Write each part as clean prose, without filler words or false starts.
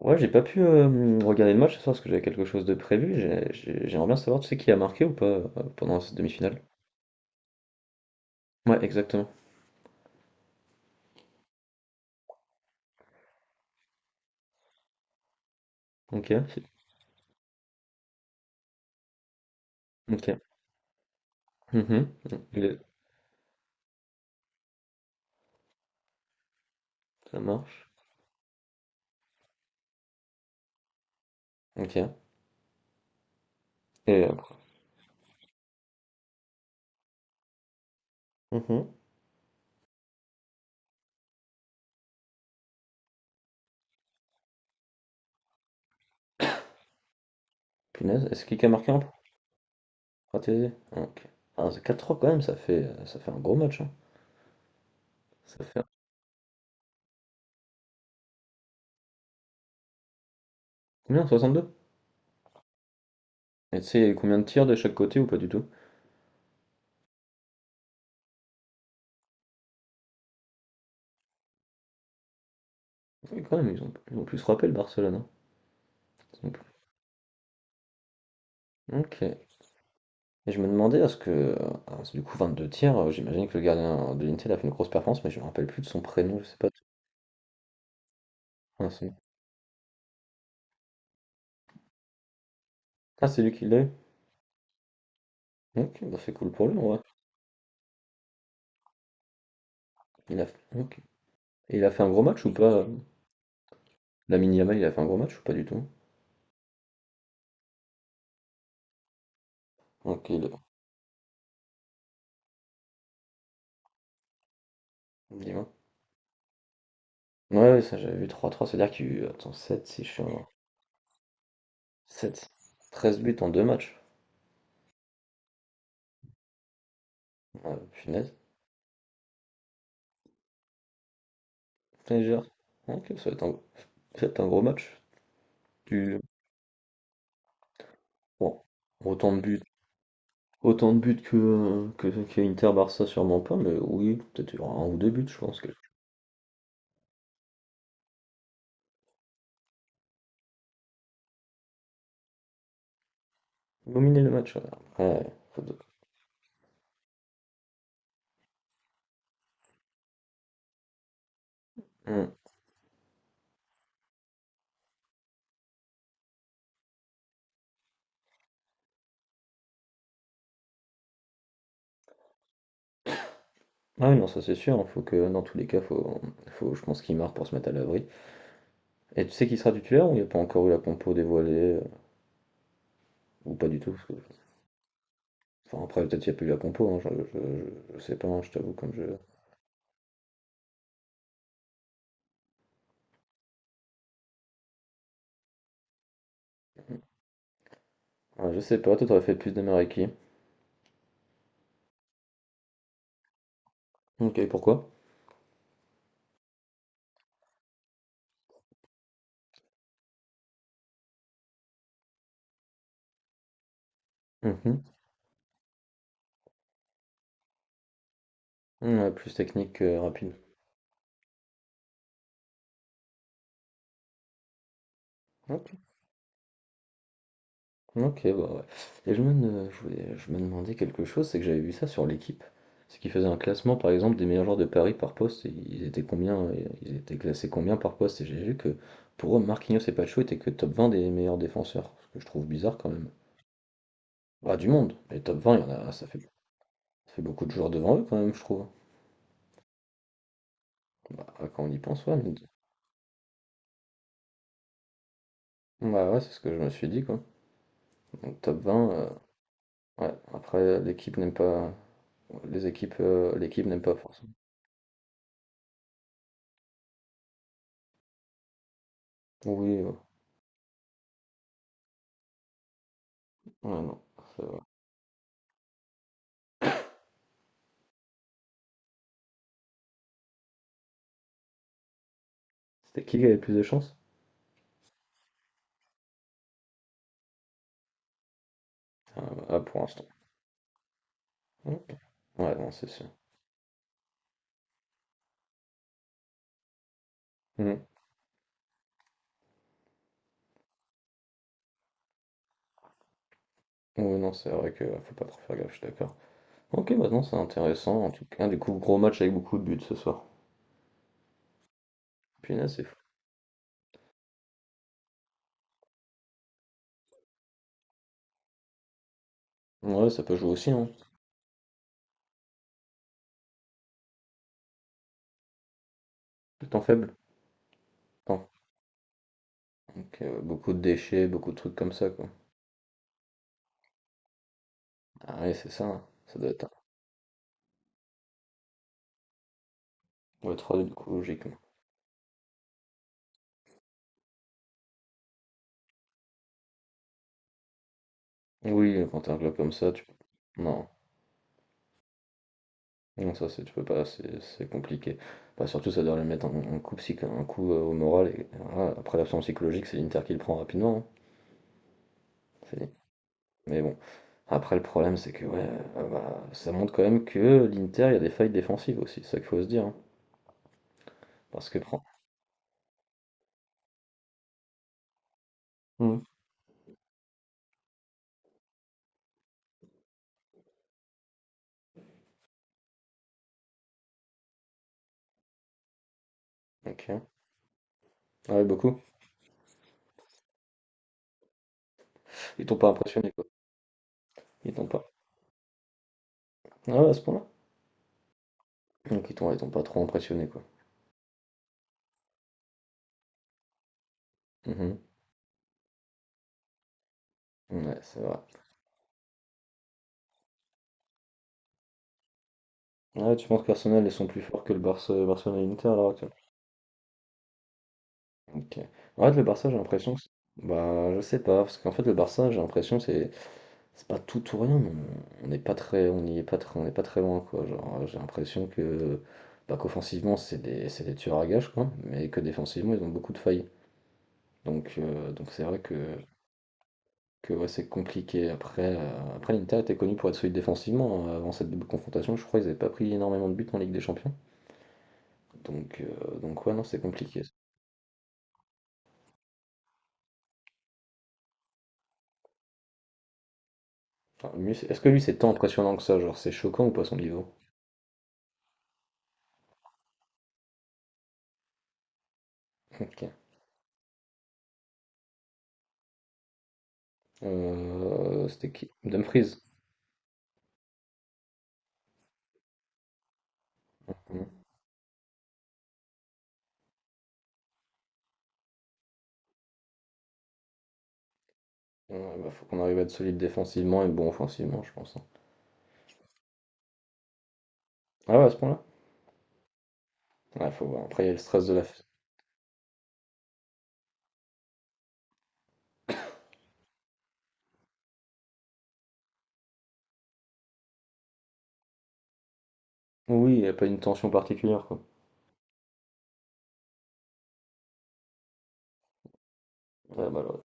Ouais, j'ai pas pu regarder le match ce soir parce que j'avais quelque chose de prévu. J'aimerais bien savoir, tu sais, qui a marqué ou pas pendant cette demi-finale. Ouais, exactement. Ok. Ok. Mhm. Le- Ça marche. Ok. Et après. Mhm. Punaise, est-ce qu'il a marqué un pour raté? Ok. Ah, c'est quatre 3 quand même, ça fait un gros match, hein. Ça fait combien? 62. Et tu sais, il y a eu combien de tirs de chaque côté ou pas du tout? Oui, quand même, ils ont plus frappé le Barcelone, hein. Ils ont plus- Ok. Et je me demandais est-ce que, heu, ah parce du coup 22 tirs, j'imagine que le gardien de l'Inter a fait une grosse performance, mais je me rappelle plus de son prénom, je sais pas. Ah c'est bon. Ah c'est lui qui l'a eu? OK, bah, c'est cool pour lui en vrai. Il a OK et il a fait un gros match ou pas, hem? Lamine Yamal, il a fait un gros match ou pas du tout? OK, il dis-moi. Ouais, ouais, ça j'avais vu trois trois cest c'est-à-dire qu'il y a eu, attends 7, 6 je suis en sept treize buts en deux matchs. Ah punaise. Putain, Gérard. OK, ça va être un gros match. Tu bon, autant de buts. Autant de buts que Inter-Barça, sûrement pas, mais oui, peut-être il y aura 1 ou 2 buts, je pense que dominer le match, ouais. Ouais, faut de mmh. Ah oui, non, ça c'est sûr, hein, faut que dans tous les cas, faut je pense qu'il marque pour se mettre à l'abri. Et tu sais qui sera titulaire ou il n'y a pas encore eu la compo dévoilée, ou pas du tout? Parce que enfin après peut-être il y a plus eu la compo, hein, je sais pas, hein, je t'avoue comme je ouais, je sais pas, toi t'aurais fait plus de démarrer OK, pourquoi? Mmh. Ouais, plus technique que rapide. OK. OK, bah, ouais et je voulais je me demandais quelque chose, c'est que j'avais vu ça sur L'Équipe. C'est qu'ils faisaient un classement, par exemple, des meilleurs joueurs de Paris par poste, et ils étaient combien, ils étaient classés combien par poste? Et j'ai vu que, pour eux, Marquinhos et Pacho étaient que top 20 des meilleurs défenseurs, ce que je trouve bizarre quand même. Bah, du monde, les top 20 il y en a ça fait beaucoup de joueurs devant eux quand même, je trouve. Bah, quand on y pense, ouais, mais bah, ouais, c'est ce que je me suis dit, quoi. Donc top 20 ouais, après L'Équipe n'aime pas les équipes, L'Équipe n'aime pas forcément. Oui, ouais, non, c'est C'était qui avait le plus de chance? Ah, ah, pour l'instant. Ok. Ouais, non, c'est sûr. Mm. Ouais, non, c'est vrai que faut pas trop faire gaffe, je suis d'accord. Ok, bah non, c'est intéressant. En tout cas, du coup, gros match avec beaucoup de buts ce soir. Punaise, c'est fou. Ouais, ça peut jouer aussi, hein. Le temps faible. Temps. Donc, beaucoup de déchets, beaucoup de trucs comme ça, quoi. Ah ouais, c'est ça, hein. Ça doit être un- Ouais, trois 2 du coup, logiquement. Oui, quand t'as un club comme ça, tu... Non. Non, ça c'est tu peux pas, c'est compliqué. Bah, surtout, ça doit lui mettre un coup psy, un coup au moral. Et voilà, après, l'absence psychologique, c'est l'Inter qui le prend rapidement, hein. C'est- Mais bon, après, le problème, c'est que ouais, bah, ça montre quand même que l'Inter, il y a des failles défensives aussi, c'est ça qu'il faut se dire, hein. Parce que prend. Mm. Ok. Ah ouais, beaucoup. Ils t'ont pas impressionné, quoi. Ils t'ont pas. Ah ouais, à ce point-là. Donc, ils t'ont pas trop impressionné, quoi. Mhm. Ouais, c'est vrai. Ah ouais, tu penses qu'Arsenal, ils sont plus forts que le Barça, Barcelone et l'Inter à l'heure actuelle? OK. En fait, le Barça, j'ai l'impression que c'est bah, je sais pas, parce qu'en fait, le Barça, j'ai l'impression que c'est pas tout ou rien, mais on n'est pas très on n'est pas très loin quoi. Genre, j'ai l'impression que bah, qu'offensivement, c'est des tueurs à gages quoi, mais que défensivement, ils ont beaucoup de failles. Donc c'est vrai que ouais, c'est compliqué après après l'Inter était connu pour être solide défensivement hein, avant cette double confrontation, je crois qu'ils n'avaient pas pris énormément de buts en Ligue des Champions. Donc ouais, non, c'est compliqué. Enfin, lui, est-ce que lui c'est tant impressionnant que ça, genre c'est choquant ou pas son niveau? Ok. C'était qui? Dumfries. Mm. Ouais, bah, faut qu'on arrive à être solide défensivement et bon offensivement, je pense, hein. Ah ouais, à ce point-là? Ouais, faut voir. Après, il y a le stress de la... f- Oui, il n'y a pas une tension particulière, quoi. Ouais, malheureux.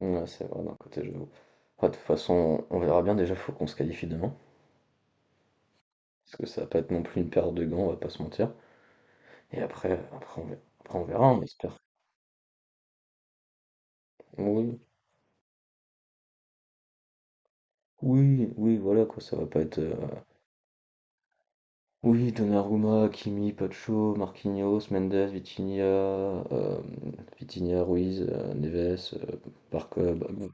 Ouais, c'est vrai, d'un côté, je vous. Après, de toute façon, on verra bien. Déjà, faut qu'on se qualifie demain. Parce que ça va pas être non plus une paire de gants, on va pas se mentir. Et après, on verra, après, on verra, on espère. Oui, oui, oui, voilà, quoi. Ça va pas être. Oui, Donnarumma, Kimi, Pacho, Marquinhos, Mendes, Vitinha, Ruiz, Neves, Barca, bah, bon.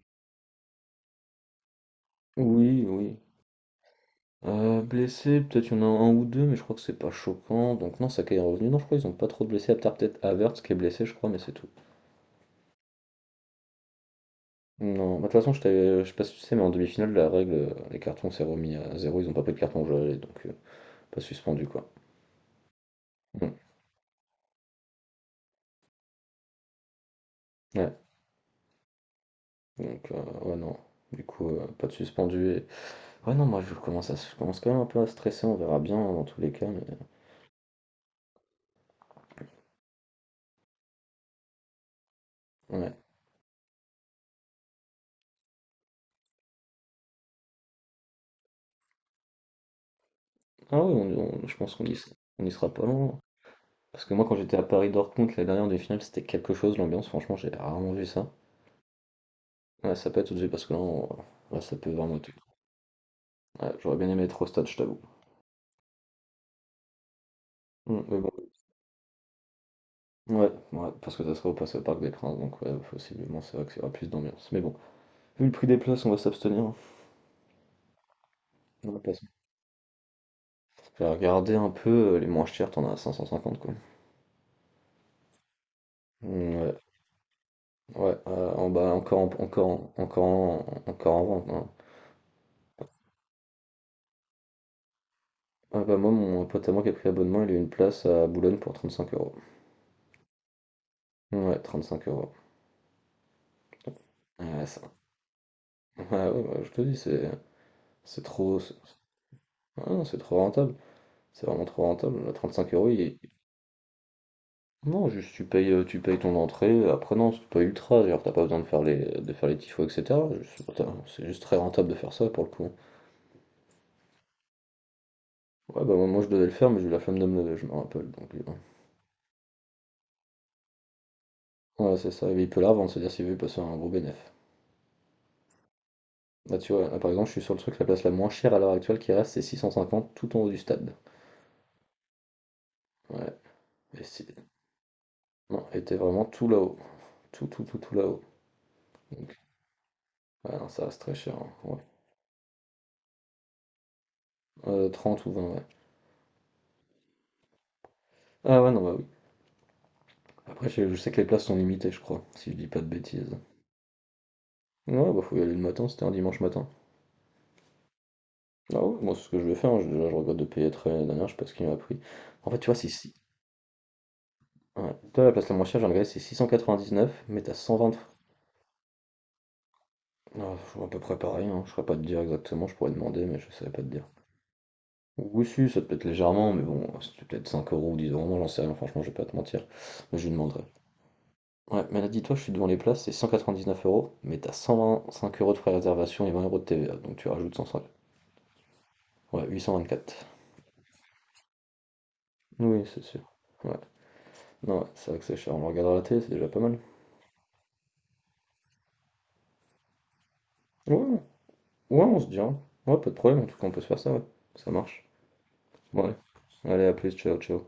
Oui, oui. Blessé, peut-être il y en a un ou deux, mais je crois que c'est pas choquant. Donc non, Saka est revenu. Non, je crois qu'ils ont pas trop de blessés, à part peut-être Havertz qui est blessé, je crois, mais c'est tout. Non, bah, de toute façon, je sais pas si tu sais, mais en demi-finale, la règle, les cartons s'est remis à zéro, ils ont pas pris de carton jaune, donc pas suspendu quoi. Mm. Ouais, ouais, non. Du coup, pas de suspendu. Ouais, non, moi je commence quand même un peu à stresser, on verra bien hein, dans tous les cas, mais ouais. Ah oui, je pense qu'on y, on y sera pas loin. Parce que moi quand j'étais à Paris-Dortmund, la dernière demi-finale, c'était quelque chose l'ambiance, franchement j'ai rarement vu ça. Ouais, ça peut être tout de suite parce que là, ça peut vraiment être. Ouais, j'aurais bien aimé être au stade, je t'avoue. Mm, mais bon. Ouais, ouais, parce que ça sera au passe au Parc des Princes, donc ouais, possiblement c'est vrai qu'il y aura plus d'ambiance. Mais bon, vu le prix des places, on va s'abstenir, hein. On va pas se- Je vais regarder un peu les moins chers, t'en as à 550 quoi. Mm, ouais. Ouais, en bas, encore en vente, hein. Ah bah moi, mon pote à moi qui a pris l'abonnement, il a eu une place à Boulogne pour 35 euros. Ouais, 35 euros. Ah, ouais, ça. Ouais, ouais, ouais, bah, je te dis, c'est trop. C'est Ah non, c'est trop rentable. C'est vraiment trop rentable. Là, 35 euros, non, juste tu payes ton entrée. Après, non, c'est pas ultra. Genre, t'as pas besoin de faire les tifos, etc. Putain, c'est juste très rentable de faire ça pour le coup. Ouais, bah moi, je devais le faire, mais j'ai eu la flemme de me lever, je me rappelle. Donc, ouais, c'est ça. Et il peut la revendre, c'est-à-dire s'il veut, il peut se faire un gros bénéfice. Là, tu vois, là, par exemple, je suis sur le truc, la place la moins chère à l'heure actuelle qui reste, c'est 650 tout en haut du stade. Ouais, et si... non, elle était vraiment tout là-haut. Tout, tout, tout, tout là-haut. Donc, ouais, non, ça reste très cher, hein, ouais. 30 ou 20, ouais. Ah ouais, non, bah oui. Après, je sais que les places sont limitées, je crois, si je dis pas de bêtises. Ouais, bah faut y aller le matin, c'était un dimanche matin. Ah ouais, moi, c'est ce que je vais faire, hein, déjà, je regrette de payer très l'année dernière, je sais pas ce qu'il m'a pris. En fait, tu vois, c'est si. Ouais. Toi, la place la moins chère, j'ai regardé, c'est 699, mais t'as 120, ah, à peu près pareil, hein, je saurais pas te dire exactement, je pourrais demander, mais je savais pas te dire. Oui, si, ça peut être légèrement, mais bon, c'était peut-être 5 euros ou 10 euros, moi j'en sais rien, franchement, je vais pas te mentir. Mais je lui demanderai. Ouais, mais là, dis-toi, je suis devant les places, c'est 199 euros, mais t'as 125 euros de frais de réservation et 20 euros de TVA, donc tu rajoutes cent cinq ouais, huit cent vingt-quatre. Oui, c'est sûr. Ouais, non, ouais, c'est vrai que c'est cher, on le regardera à la télé, c'est déjà pas mal. Ouais, ouais, on se dit, hein. Ouais, pas de problème, en tout cas, on peut se faire ça, ouais. Ça marche. Bon, allez, allez, à plus, ciao, ciao.